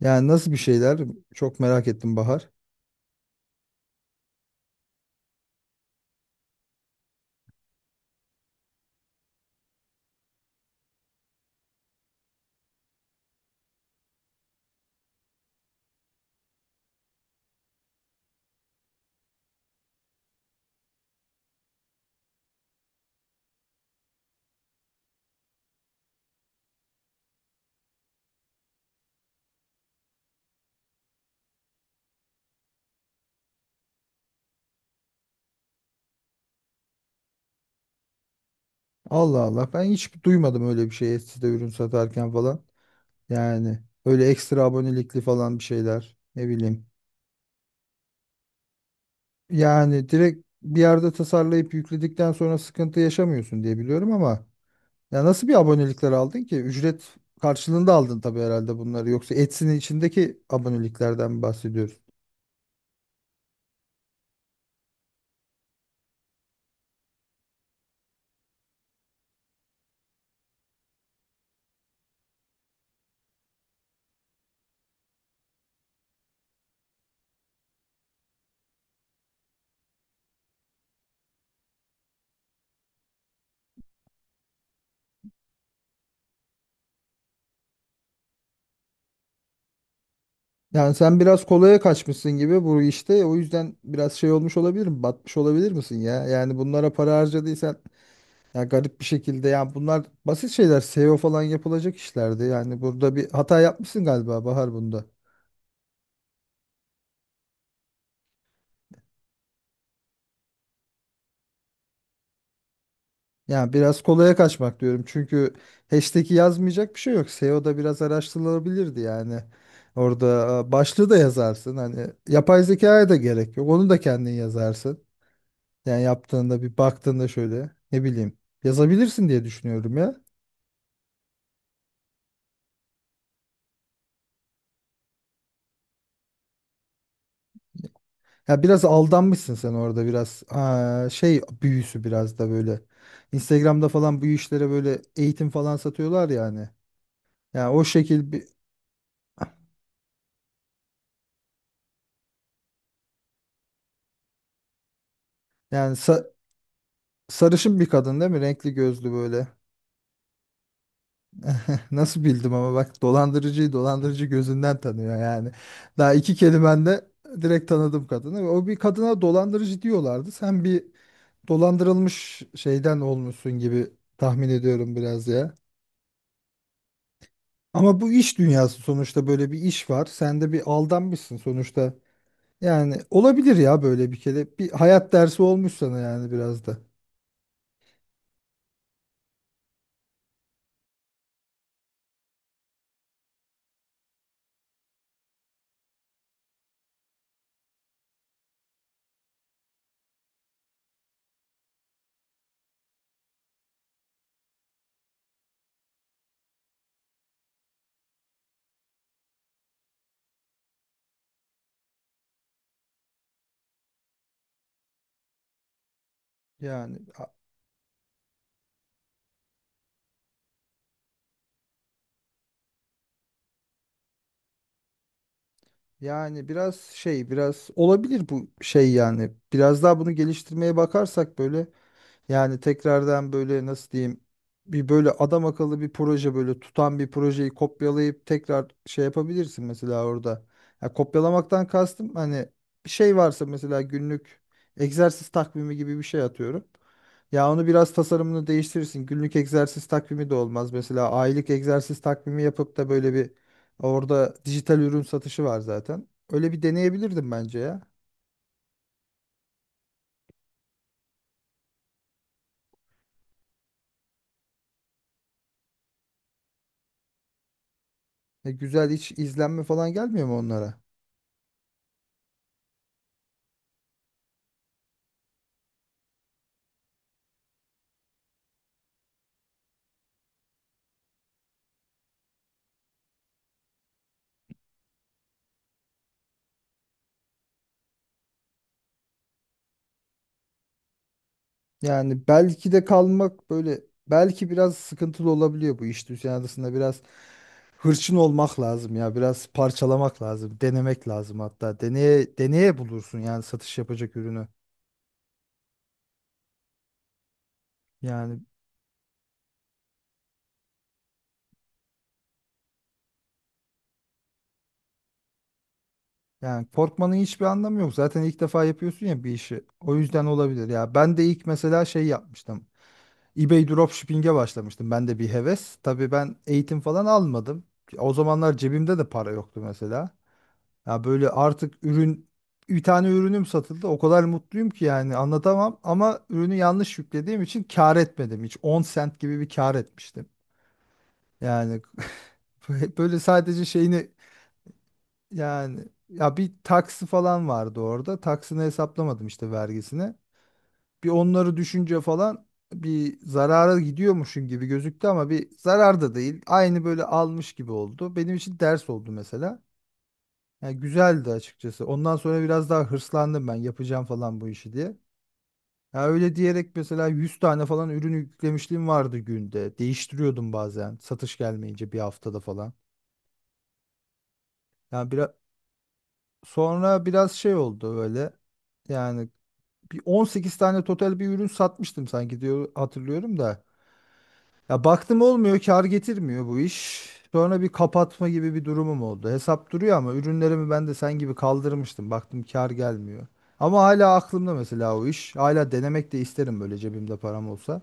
Yani nasıl bir şeyler? Çok merak ettim Bahar. Allah Allah. Ben hiç duymadım öyle bir şey Etsy'de ürün satarken falan. Yani öyle ekstra abonelikli falan bir şeyler. Ne bileyim. Yani direkt bir yerde tasarlayıp yükledikten sonra sıkıntı yaşamıyorsun diye biliyorum ama ya nasıl bir abonelikler aldın ki? Ücret karşılığında aldın tabii herhalde bunları. Yoksa Etsy'nin içindeki aboneliklerden mi bahsediyoruz? Yani sen biraz kolaya kaçmışsın gibi bu işte. O yüzden biraz şey olmuş olabilir mi? Batmış olabilir misin ya? Yani bunlara para harcadıysan ya garip bir şekilde yani bunlar basit şeyler. SEO falan yapılacak işlerdi. Yani burada bir hata yapmışsın galiba Bahar bunda. Yani biraz kolaya kaçmak diyorum. Çünkü hashtag'i yazmayacak bir şey yok. SEO'da biraz araştırılabilirdi yani. Orada başlığı da yazarsın. Hani yapay zekaya da gerek yok. Onu da kendin yazarsın. Yani yaptığında bir baktığında şöyle ne bileyim yazabilirsin diye düşünüyorum ya. Ya biraz aldanmışsın sen orada biraz şey büyüsü biraz da böyle. Instagram'da falan bu işlere böyle eğitim falan satıyorlar ya hani. Yani o şekil bir yani sa- sarışın bir kadın değil mi? Renkli gözlü böyle. Nasıl bildim ama bak dolandırıcıyı dolandırıcı gözünden tanıyor yani. Daha iki kelimende direkt tanıdım kadını. O bir kadına dolandırıcı diyorlardı. Sen bir dolandırılmış şeyden olmuşsun gibi tahmin ediyorum biraz ya. Ama bu iş dünyası sonuçta böyle bir iş var. Sen de bir aldanmışsın sonuçta. Yani olabilir ya böyle bir kere. Bir hayat dersi olmuş sana yani biraz da. Yani a- yani biraz şey biraz olabilir bu şey yani. Biraz daha bunu geliştirmeye bakarsak böyle. Yani tekrardan böyle nasıl diyeyim bir böyle adam akıllı bir proje böyle tutan bir projeyi kopyalayıp tekrar şey yapabilirsin mesela orada. Ya kopyalamaktan kastım hani bir şey varsa mesela günlük egzersiz takvimi gibi bir şey atıyorum. Ya onu biraz tasarımını değiştirirsin. Günlük egzersiz takvimi de olmaz. Mesela aylık egzersiz takvimi yapıp da böyle bir orada dijital ürün satışı var zaten. Öyle bir deneyebilirdim bence ya. Ya güzel hiç izlenme falan gelmiyor mu onlara? Yani belki de kalmak böyle belki biraz sıkıntılı olabiliyor bu iş dünyasında biraz hırçın olmak lazım ya biraz parçalamak lazım denemek lazım hatta deneye deneye bulursun yani satış yapacak ürünü yani yani korkmanın hiçbir anlamı yok zaten ilk defa yapıyorsun ya bir işi o yüzden olabilir ya ben de ilk mesela şey yapmıştım eBay dropshipping'e başlamıştım ben de bir heves tabii ben eğitim falan almadım o zamanlar cebimde de para yoktu mesela. Ya böyle artık ürün bir tane ürünüm satıldı. O kadar mutluyum ki yani anlatamam ama ürünü yanlış yüklediğim için kâr etmedim hiç. 10 sent gibi bir kâr etmiştim. Yani böyle böyle sadece şeyini yani ya bir taksi falan vardı orada. Taksini hesaplamadım işte vergisini. Bir onları düşünce falan bir zarara gidiyormuşum gibi gözüktü ama bir zarar da değil. Aynı böyle almış gibi oldu. Benim için ders oldu mesela. Ya güzeldi açıkçası. Ondan sonra biraz daha hırslandım ben yapacağım falan bu işi diye. Ya öyle diyerek mesela 100 tane falan ürün yüklemişliğim vardı günde. Değiştiriyordum bazen satış gelmeyince bir haftada falan. Yani biraz sonra biraz şey oldu böyle. Yani bir 18 tane total bir ürün satmıştım sanki diyor hatırlıyorum da. Ya baktım olmuyor, kar getirmiyor bu iş. Sonra bir kapatma gibi bir durumum oldu. Hesap duruyor ama ürünlerimi ben de sen gibi kaldırmıştım. Baktım kar gelmiyor. Ama hala aklımda mesela o iş. Hala denemek de isterim böyle cebimde param olsa.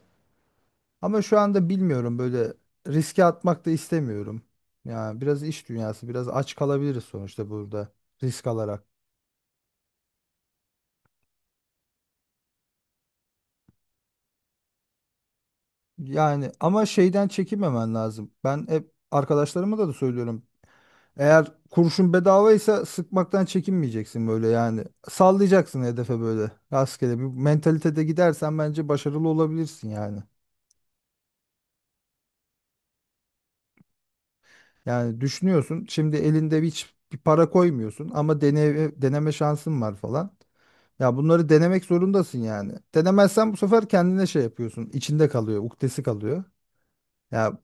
Ama şu anda bilmiyorum böyle riske atmak da istemiyorum. Ya biraz iş dünyası, biraz aç kalabiliriz sonuçta burada risk alarak. Yani ama şeyden çekinmemen lazım. Ben hep arkadaşlarıma da söylüyorum. Eğer kurşun bedavaysa sıkmaktan çekinmeyeceksin böyle yani. Sallayacaksın hedefe böyle rastgele bir mentalitede gidersen bence başarılı olabilirsin yani. Yani düşünüyorsun şimdi elinde hiç bir para koymuyorsun ama deneme şansın var falan. Ya bunları denemek zorundasın yani. Denemezsen bu sefer kendine şey yapıyorsun. İçinde kalıyor, ukdesi kalıyor. Ya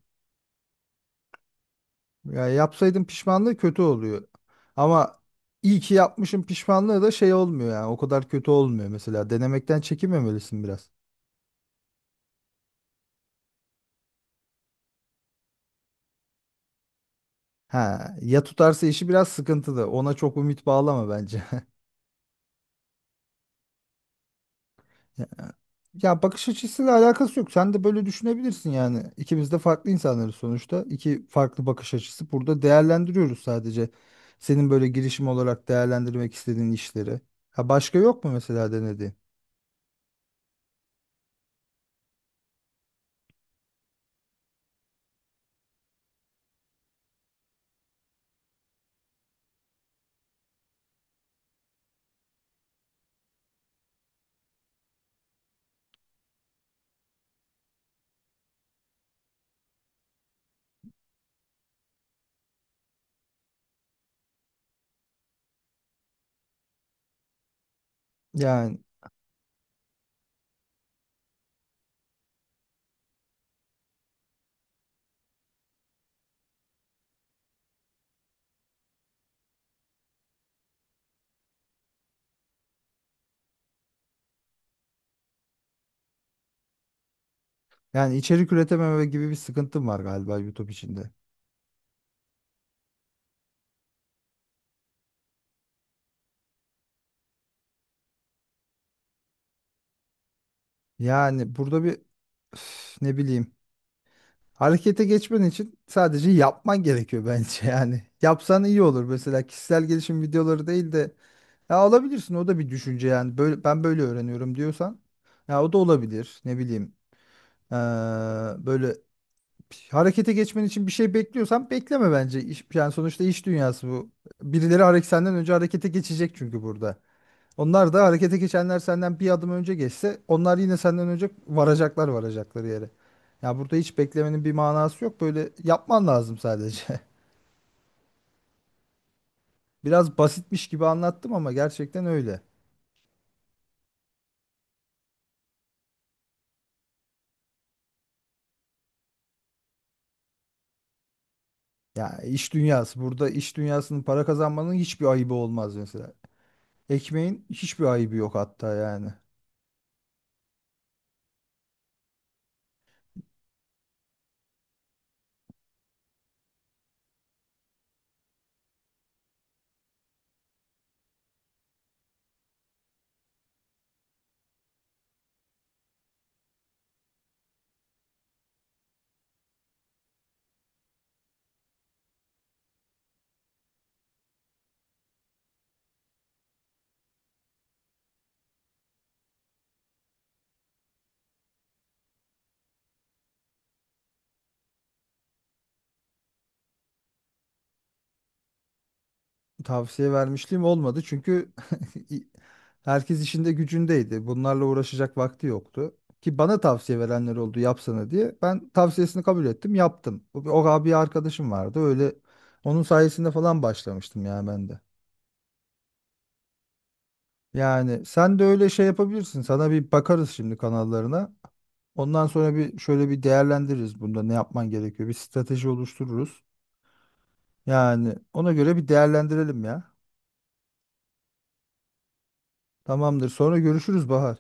ya yapsaydım pişmanlığı kötü oluyor. Ama iyi ki yapmışım pişmanlığı da şey olmuyor yani. O kadar kötü olmuyor mesela. Denemekten çekinmemelisin biraz. Ha, ya tutarsa işi biraz sıkıntılı. Ona çok ümit bağlama bence. Ya bakış açısıyla alakası yok. Sen de böyle düşünebilirsin yani. İkimiz de farklı insanlarız sonuçta. İki farklı bakış açısı. Burada değerlendiriyoruz sadece. Senin böyle girişim olarak değerlendirmek istediğin işleri. Ha başka yok mu mesela denediğin? Yani yani içerik üretememe gibi bir sıkıntım var galiba YouTube içinde. Yani burada bir üf, ne bileyim. Harekete geçmen için sadece yapman gerekiyor bence yani. Yapsan iyi olur mesela kişisel gelişim videoları değil de ya alabilirsin o da bir düşünce yani böyle ben böyle öğreniyorum diyorsan ya o da olabilir ne bileyim. Ee, böyle harekete geçmen için bir şey bekliyorsan bekleme bence. Yani sonuçta iş dünyası bu birileri hareket senden önce harekete geçecek çünkü burada. Onlar da harekete geçenler senden bir adım önce geçse onlar yine senden önce varacaklar varacakları yere. Ya burada hiç beklemenin bir manası yok. Böyle yapman lazım sadece. Biraz basitmiş gibi anlattım ama gerçekten öyle. Ya iş dünyası. Burada iş dünyasının para kazanmanın hiçbir ayıbı olmaz mesela. Ekmeğin hiçbir ayıbı yok hatta yani. Tavsiye vermişliğim olmadı çünkü i- herkes işinde gücündeydi. Bunlarla uğraşacak vakti yoktu. Ki bana tavsiye verenler oldu yapsana diye. Ben tavsiyesini kabul ettim, yaptım. O abi arkadaşım vardı. Öyle onun sayesinde falan başlamıştım ya ben de. Yani sen de öyle şey yapabilirsin. Sana bir bakarız şimdi kanallarına. Ondan sonra bir şöyle bir değerlendiririz bunda ne yapman gerekiyor. Bir strateji oluştururuz. Yani ona göre bir değerlendirelim ya. Tamamdır. Sonra görüşürüz Bahar.